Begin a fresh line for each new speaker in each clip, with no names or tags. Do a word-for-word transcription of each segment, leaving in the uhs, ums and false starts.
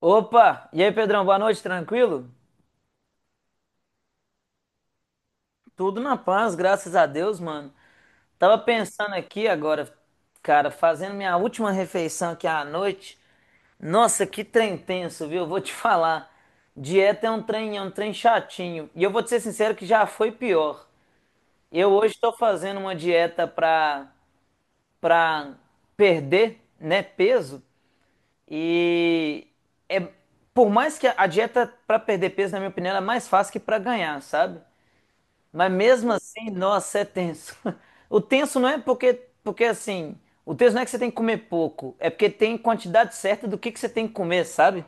Opa! E aí, Pedrão, boa noite, tranquilo? Tudo na paz, graças a Deus, mano. Tava pensando aqui agora, cara, fazendo minha última refeição aqui à noite. Nossa, que trem tenso, viu? Vou te falar. Dieta é um trem, é um trem chatinho. E eu vou te ser sincero que já foi pior. Eu hoje estou fazendo uma dieta pra, pra perder, né, peso. E é, por mais que a a dieta pra perder peso, na minha opinião, ela é mais fácil que pra ganhar, sabe? Mas mesmo assim, nossa, é tenso. O tenso não é porque, porque assim, o tenso não é que você tem que comer pouco, é porque tem quantidade certa do que que você tem que comer, sabe?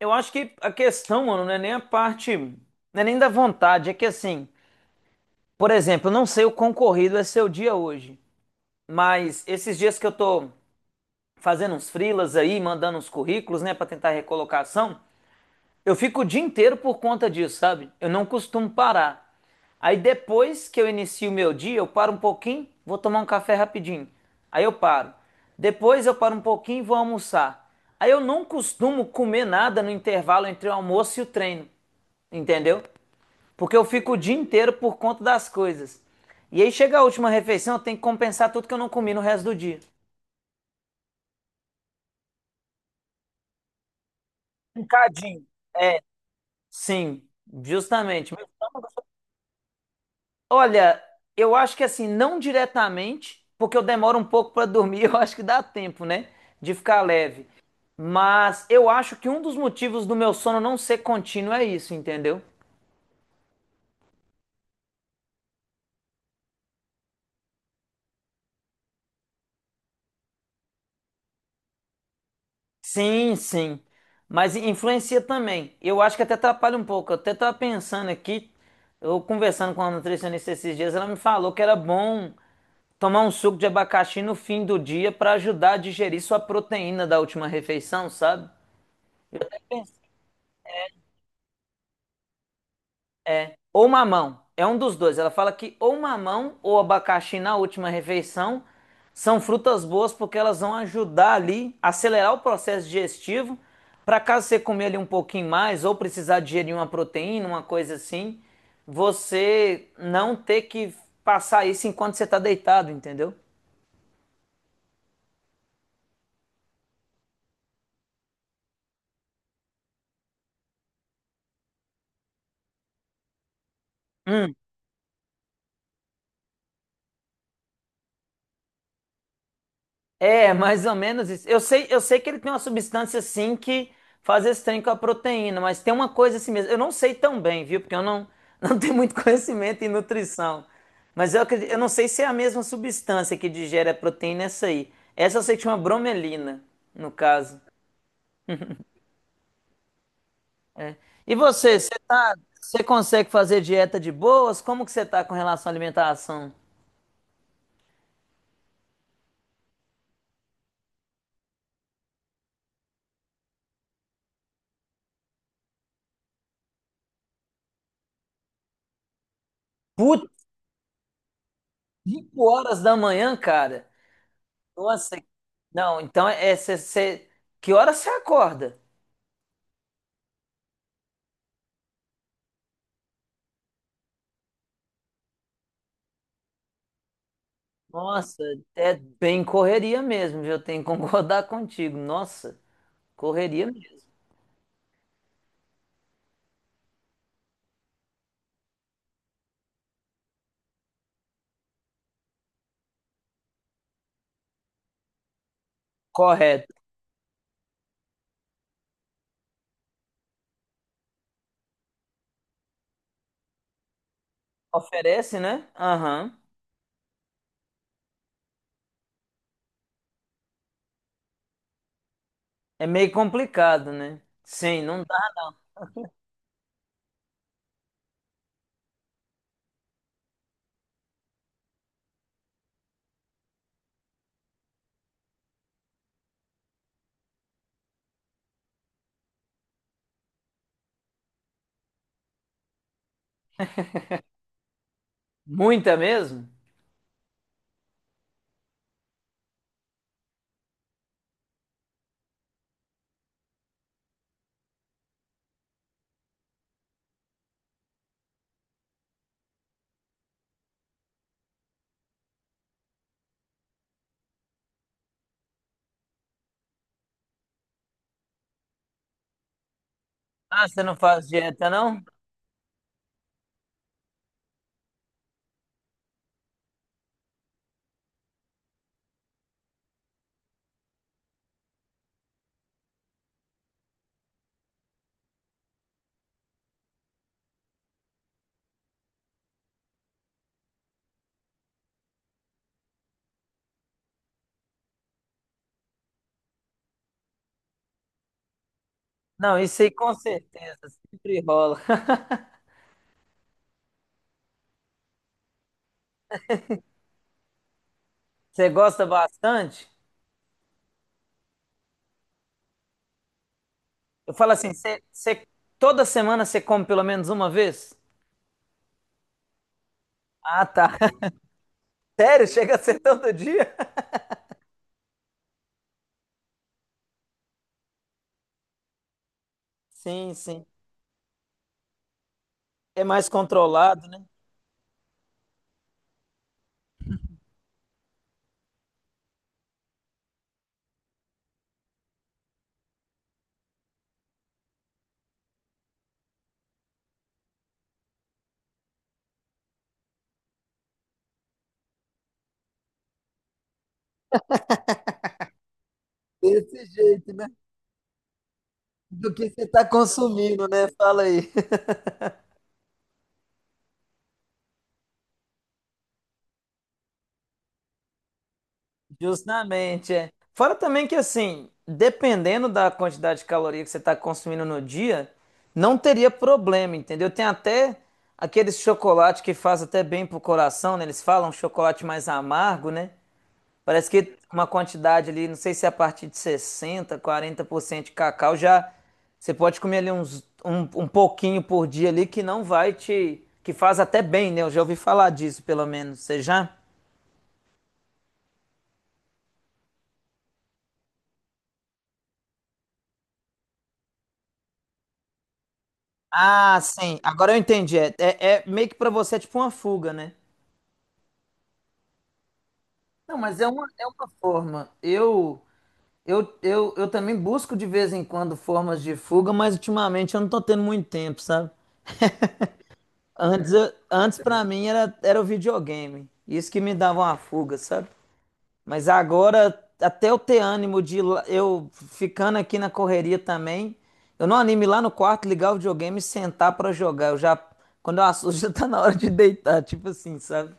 Eu acho que a questão, mano, não é nem a parte, não é nem da vontade, é que assim, por exemplo, eu não sei o quão corrido é seu dia hoje, mas esses dias que eu tô fazendo uns freelas aí, mandando uns currículos, né, pra tentar recolocação. Eu fico o dia inteiro por conta disso, sabe? Eu não costumo parar. Aí depois que eu inicio o meu dia, eu paro um pouquinho, vou tomar um café rapidinho. Aí eu paro. Depois eu paro um pouquinho e vou almoçar. Aí eu não costumo comer nada no intervalo entre o almoço e o treino. Entendeu? Porque eu fico o dia inteiro por conta das coisas. E aí chega a última refeição, eu tenho que compensar tudo que eu não comi no resto do dia. Picadinho. Sim, justamente. Meu estômago. Olha, eu acho que assim, não diretamente, porque eu demoro um pouco para dormir, eu acho que dá tempo, né, de ficar leve. Mas eu acho que um dos motivos do meu sono não ser contínuo é isso, entendeu? Sim, sim. Mas influencia também. Eu acho que até atrapalha um pouco. Eu até tava pensando aqui, eu conversando com a nutricionista esses dias, ela me falou que era bom tomar um suco de abacaxi no fim do dia para ajudar a digerir sua proteína da última refeição, sabe? Ou mamão. É um dos dois. Ela fala que ou mamão ou abacaxi na última refeição são frutas boas porque elas vão ajudar ali a acelerar o processo digestivo. Para caso você comer ali um pouquinho mais ou precisar digerir uma proteína, uma coisa assim, você não ter que passar isso enquanto você está deitado, entendeu? É, mais ou menos isso. Eu sei, eu sei que ele tem uma substância assim que faz esse trem com a proteína, mas tem uma coisa assim mesmo. Eu não sei tão bem, viu? Porque eu não, não tenho muito conhecimento em nutrição. Mas eu acredito, eu não sei se é a mesma substância que digere a proteína essa aí. Essa eu sei que chama bromelina, no caso. E você, você tá, você consegue fazer dieta de boas? Como que você tá com relação à alimentação? Putz, cinco horas da manhã, cara. Nossa, não, então é, é cê- cê- que hora você acorda? Nossa, é bem correria mesmo, viu? Eu tenho que concordar contigo. Nossa, correria mesmo. Correto. Oferece, né? Aham. É meio complicado, né? Sim, não dá. Muita mesmo? Ah, você não faz dieta, não? Não, isso aí com certeza, sempre rola. Você gosta bastante? Eu falo assim, você, você- toda semana você come pelo menos uma vez? Ah, tá. Sério? Chega a ser todo dia? Sim, sim. É mais controlado, né? Desse jeito, né? Do que você está consumindo, né? Fala aí. Justamente, é. Fora também que, assim, dependendo da quantidade de caloria que você está consumindo no dia, não teria problema, entendeu? Tem até aqueles chocolate que faz até bem pro coração, né? Eles falam chocolate mais amargo, né? Parece que uma quantidade ali, não sei se é a partir de sessenta, quarenta por cento de cacau já você pode comer ali uns, um, um pouquinho por dia ali que não vai te, que faz até bem, né? Eu já ouvi falar disso, pelo menos. Você já? Ah, sim. Agora eu entendi. É, é, é meio que pra você é tipo uma fuga, né? Não, mas é uma, é uma forma. Eu, eu, eu, eu também busco de vez em quando formas de fuga, mas ultimamente eu não tô tendo muito tempo, sabe? Antes, eu- antes para mim era, era o videogame. Isso que me dava uma fuga, sabe? Mas agora, até eu ter ânimo de ir lá- eu ficando aqui na correria também, eu não animo ir lá no quarto, ligar o videogame e sentar pra jogar. Eu já, quando eu assusto, já tá na hora de deitar, tipo assim, sabe?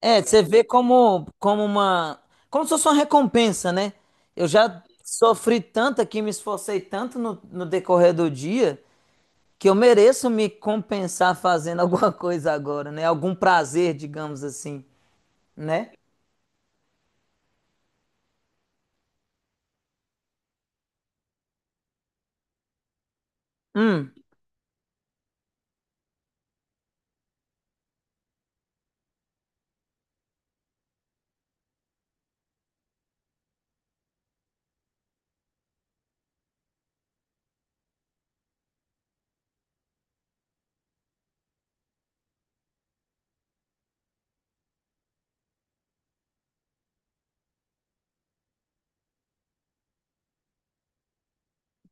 É, você vê como, como uma, como se fosse uma recompensa, né? Eu já sofri tanto aqui, me esforcei tanto no, no decorrer do dia que eu mereço me compensar fazendo alguma coisa agora, né? Algum prazer, digamos assim, né? Hum,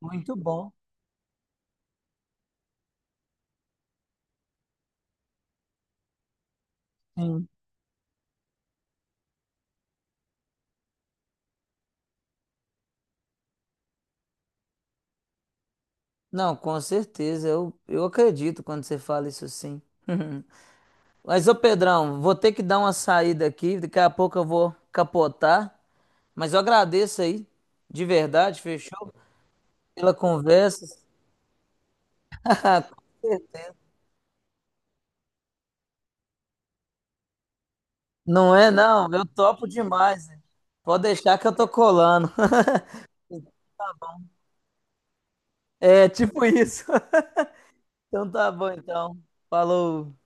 muito bom. Sim. Não, com certeza, eu, eu acredito quando você fala isso sim. Mas, ô Pedrão, vou ter que dar uma saída aqui, daqui a pouco eu vou capotar, mas eu agradeço aí, de verdade, fechou? Pela conversa. Com certeza. Não é, não, eu topo demais. Né? Pode deixar que eu tô colando. É, tipo isso. Então tá bom, então. Falou.